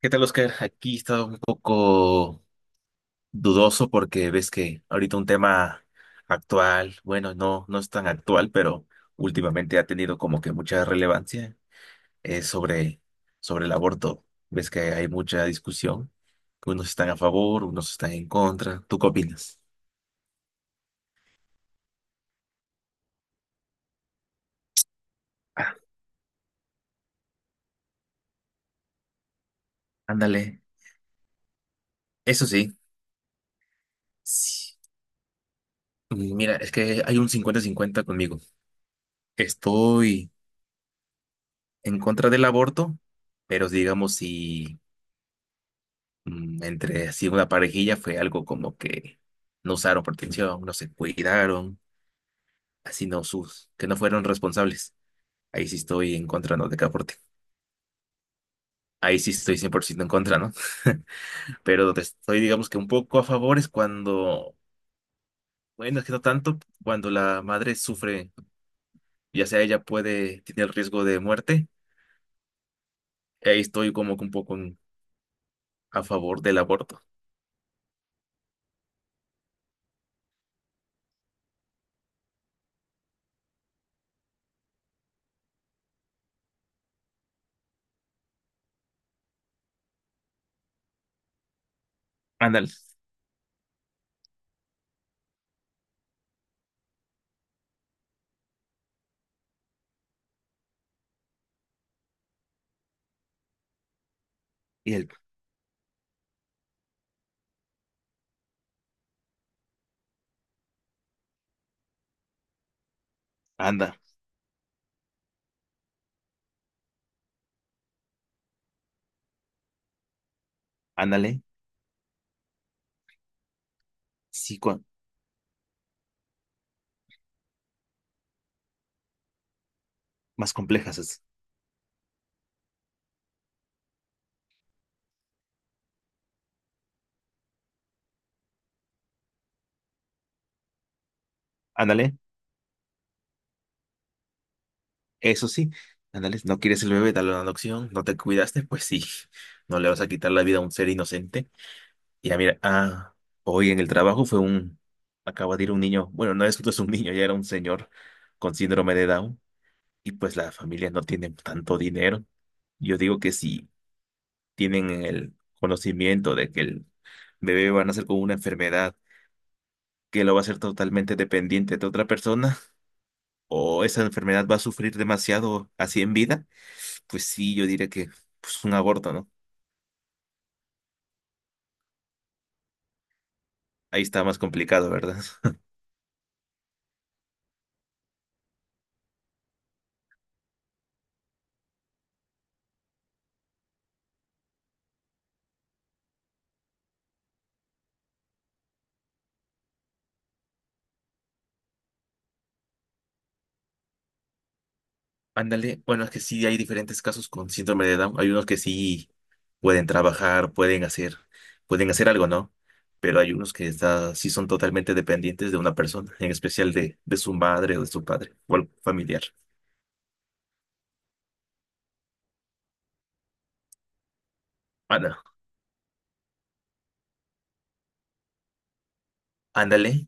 ¿Qué tal, Oscar? Aquí está un poco dudoso porque ves que ahorita un tema actual, bueno, no, no es tan actual, pero últimamente ha tenido como que mucha relevancia, es sobre, sobre el aborto. Ves que hay mucha discusión, que unos están a favor, unos están en contra. ¿Tú qué opinas? Ah, ándale, eso sí. Sí. Mira, es que hay un cincuenta-cincuenta conmigo. Estoy en contra del aborto, pero digamos si entre así una parejilla fue algo como que no usaron protección, no se cuidaron, así no sus, que no fueron responsables. Ahí sí estoy en contra, ¿no? De Caporte. Ahí sí estoy 100% en contra, ¿no? Pero donde estoy, digamos que un poco a favor es cuando, bueno, es que no tanto, cuando la madre sufre, ya sea ella puede, tiene el riesgo de muerte, ahí estoy como que un poco a favor del aborto. Ándale. Y el, anda, ándale. Sí, cua- más complejas es. Ándale. Eso sí, ándale, no quieres el bebé, dale una adopción, no te cuidaste, pues sí, no le vas a quitar la vida a un ser inocente. Y ya mira, ah, hoy en el trabajo fue un, acaba de ir un niño, bueno, no es, no es un niño, ya era un señor con síndrome de Down, y pues la familia no tiene tanto dinero. Yo digo que si tienen el conocimiento de que el bebé va a nacer con una enfermedad que lo va a hacer totalmente dependiente de otra persona, o esa enfermedad va a sufrir demasiado así en vida. Pues sí, yo diría que pues un aborto, ¿no? Ahí está más complicado, ¿verdad? Ándale, bueno, es que sí hay diferentes casos con síndrome de Down. Hay unos que sí pueden trabajar, pueden hacer algo, ¿no? Pero hay unos que está, sí son totalmente dependientes de una persona, en especial de su madre o de su padre o algún familiar. Bueno, ándale,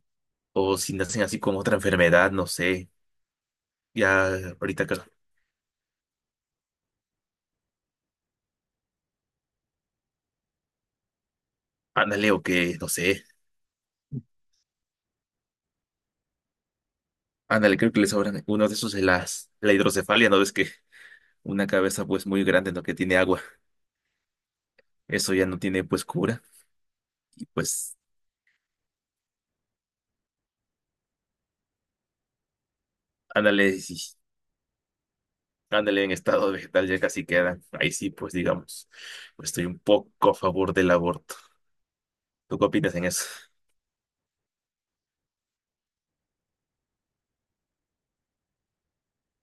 o si nacen así con otra enfermedad, no sé, ya ahorita, creo- ándale, o que, no sé, ándale, creo que les sobran, uno de esos es las, la hidrocefalia, ¿no ves que una cabeza pues muy grande, ¿no? Que tiene agua. Eso ya no tiene pues cura. Y pues ándale, sí, sí, ándale en estado vegetal ya casi queda. Ahí sí, pues digamos, pues, estoy un poco a favor del aborto. ¿Tú qué opinas en eso?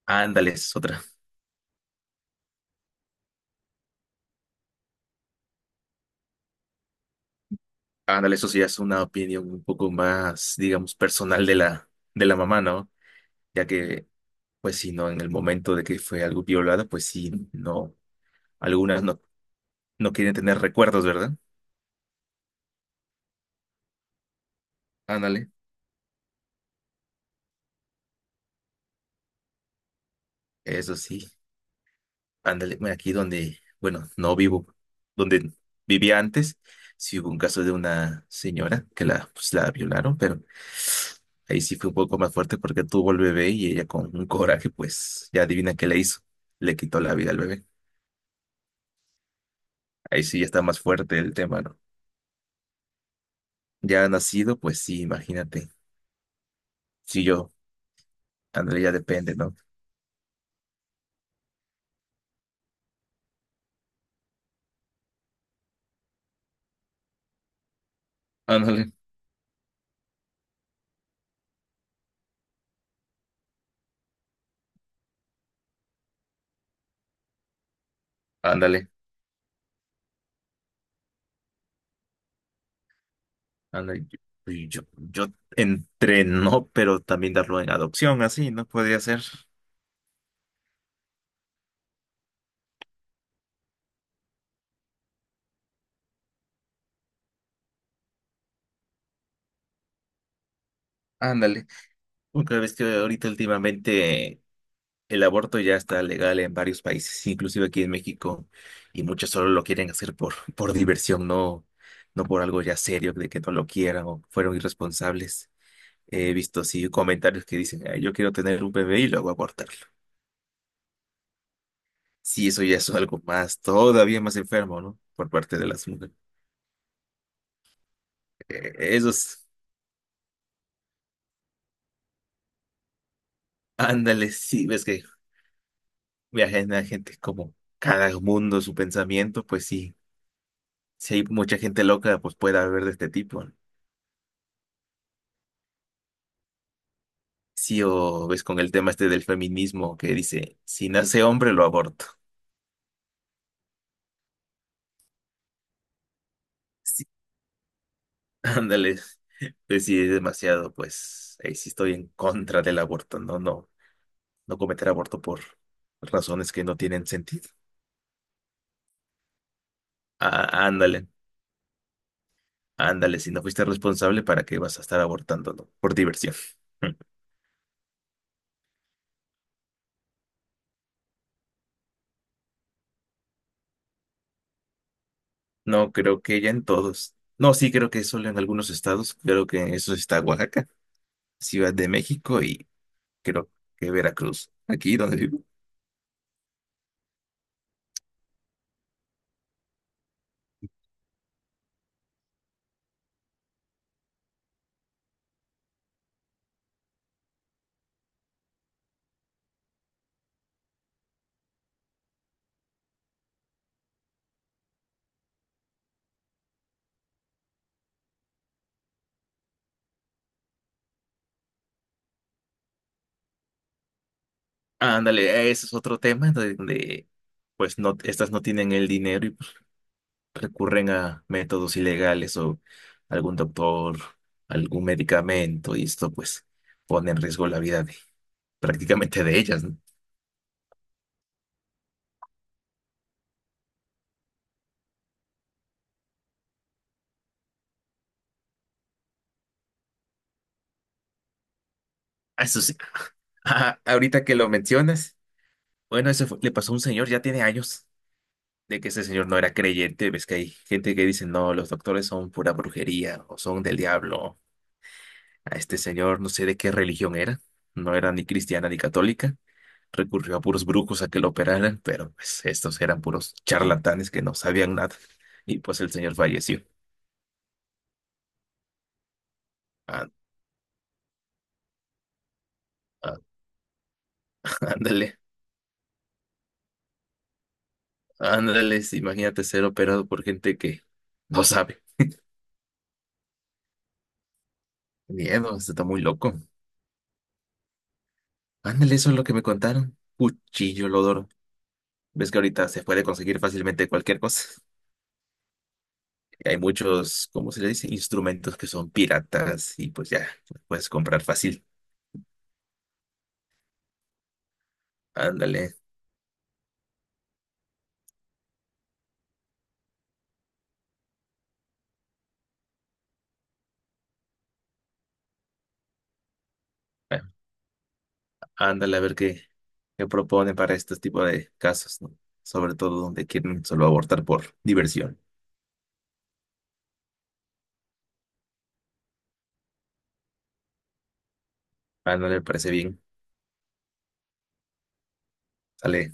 Ándale, es otra. Ándale, eso sí es una opinión un poco más, digamos, personal de la mamá, ¿no? Ya que, pues si no, en el momento de que fue algo violada, pues sí, no, algunas no, no quieren tener recuerdos, ¿verdad? Ándale, eso sí. Ándale, mira, aquí donde, bueno, no vivo, donde vivía antes, sí hubo un caso de una señora que la, pues, la violaron, pero ahí sí fue un poco más fuerte porque tuvo el bebé y ella con un coraje, pues ya adivina qué le hizo, le quitó la vida al bebé. Ahí sí ya está más fuerte el tema, ¿no? Ya nacido, pues sí, imagínate. Si yo, ándale, ya depende, ¿no? Ándale, ándale, ándale. Yo, yo entre no, pero también darlo en adopción, así, ¿no? Podría ser. Ándale. Aunque ves que ahorita últimamente el aborto ya está legal en varios países, inclusive aquí en México, y muchos solo lo quieren hacer por, por diversión, no, no por algo ya serio, de que no lo quieran o fueron irresponsables. He visto así comentarios que dicen, "Ay, yo quiero tener un bebé y luego abortarlo. Sí, eso ya es algo más, todavía más enfermo, ¿no? Por parte de las mujeres. Eh, esos, ándale, sí, ves que viajan a gente como cada mundo su pensamiento, pues sí, si hay mucha gente loca, pues puede haber de este tipo. ¿No? Sí, o ves con el tema este del feminismo que dice, si nace hombre, lo aborto. Sí. Ándale, pues sí, es demasiado, pues ahí sí estoy en contra del aborto, no, no, no cometer aborto por razones que no tienen sentido. Ah, ándale, ándale, si no fuiste responsable, ¿para qué vas a estar abortando, no? Por diversión. No, creo que ya en todos. No, sí, creo que solo en algunos estados. Creo que eso sí está Oaxaca, Ciudad de México y creo que Veracruz, aquí donde vivo. Ándale, ese es otro tema pues no, estas no tienen el dinero y pues, recurren a métodos ilegales o algún doctor, algún medicamento y esto pues pone en riesgo la vida de prácticamente de ellas, ¿no? Ah, eso sí, ah, ahorita que lo mencionas, bueno, eso fue- le pasó a un señor, ya tiene años de que ese señor no era creyente, ves que hay gente que dice, no, los doctores son pura brujería o son del diablo. A este señor no sé de qué religión era, no era ni cristiana ni católica, recurrió a puros brujos a que lo operaran, pero pues estos eran puros charlatanes que no sabían nada y pues el señor falleció. Á- á- Ándale, ándale, sí, imagínate ser operado por gente que no sabe. Miedo, esto está muy loco. Ándale, eso es lo que me contaron. Cuchillo Lodoro. Ves que ahorita se puede conseguir fácilmente cualquier cosa. Y hay muchos, ¿cómo se le dice? Instrumentos que son piratas y pues ya, los puedes comprar fácil. Ándale, a- ándale a ver qué, qué propone para este tipo de casos, ¿no? Sobre todo donde quieren solo abortar por diversión. Ándale, me parece bien. Sale.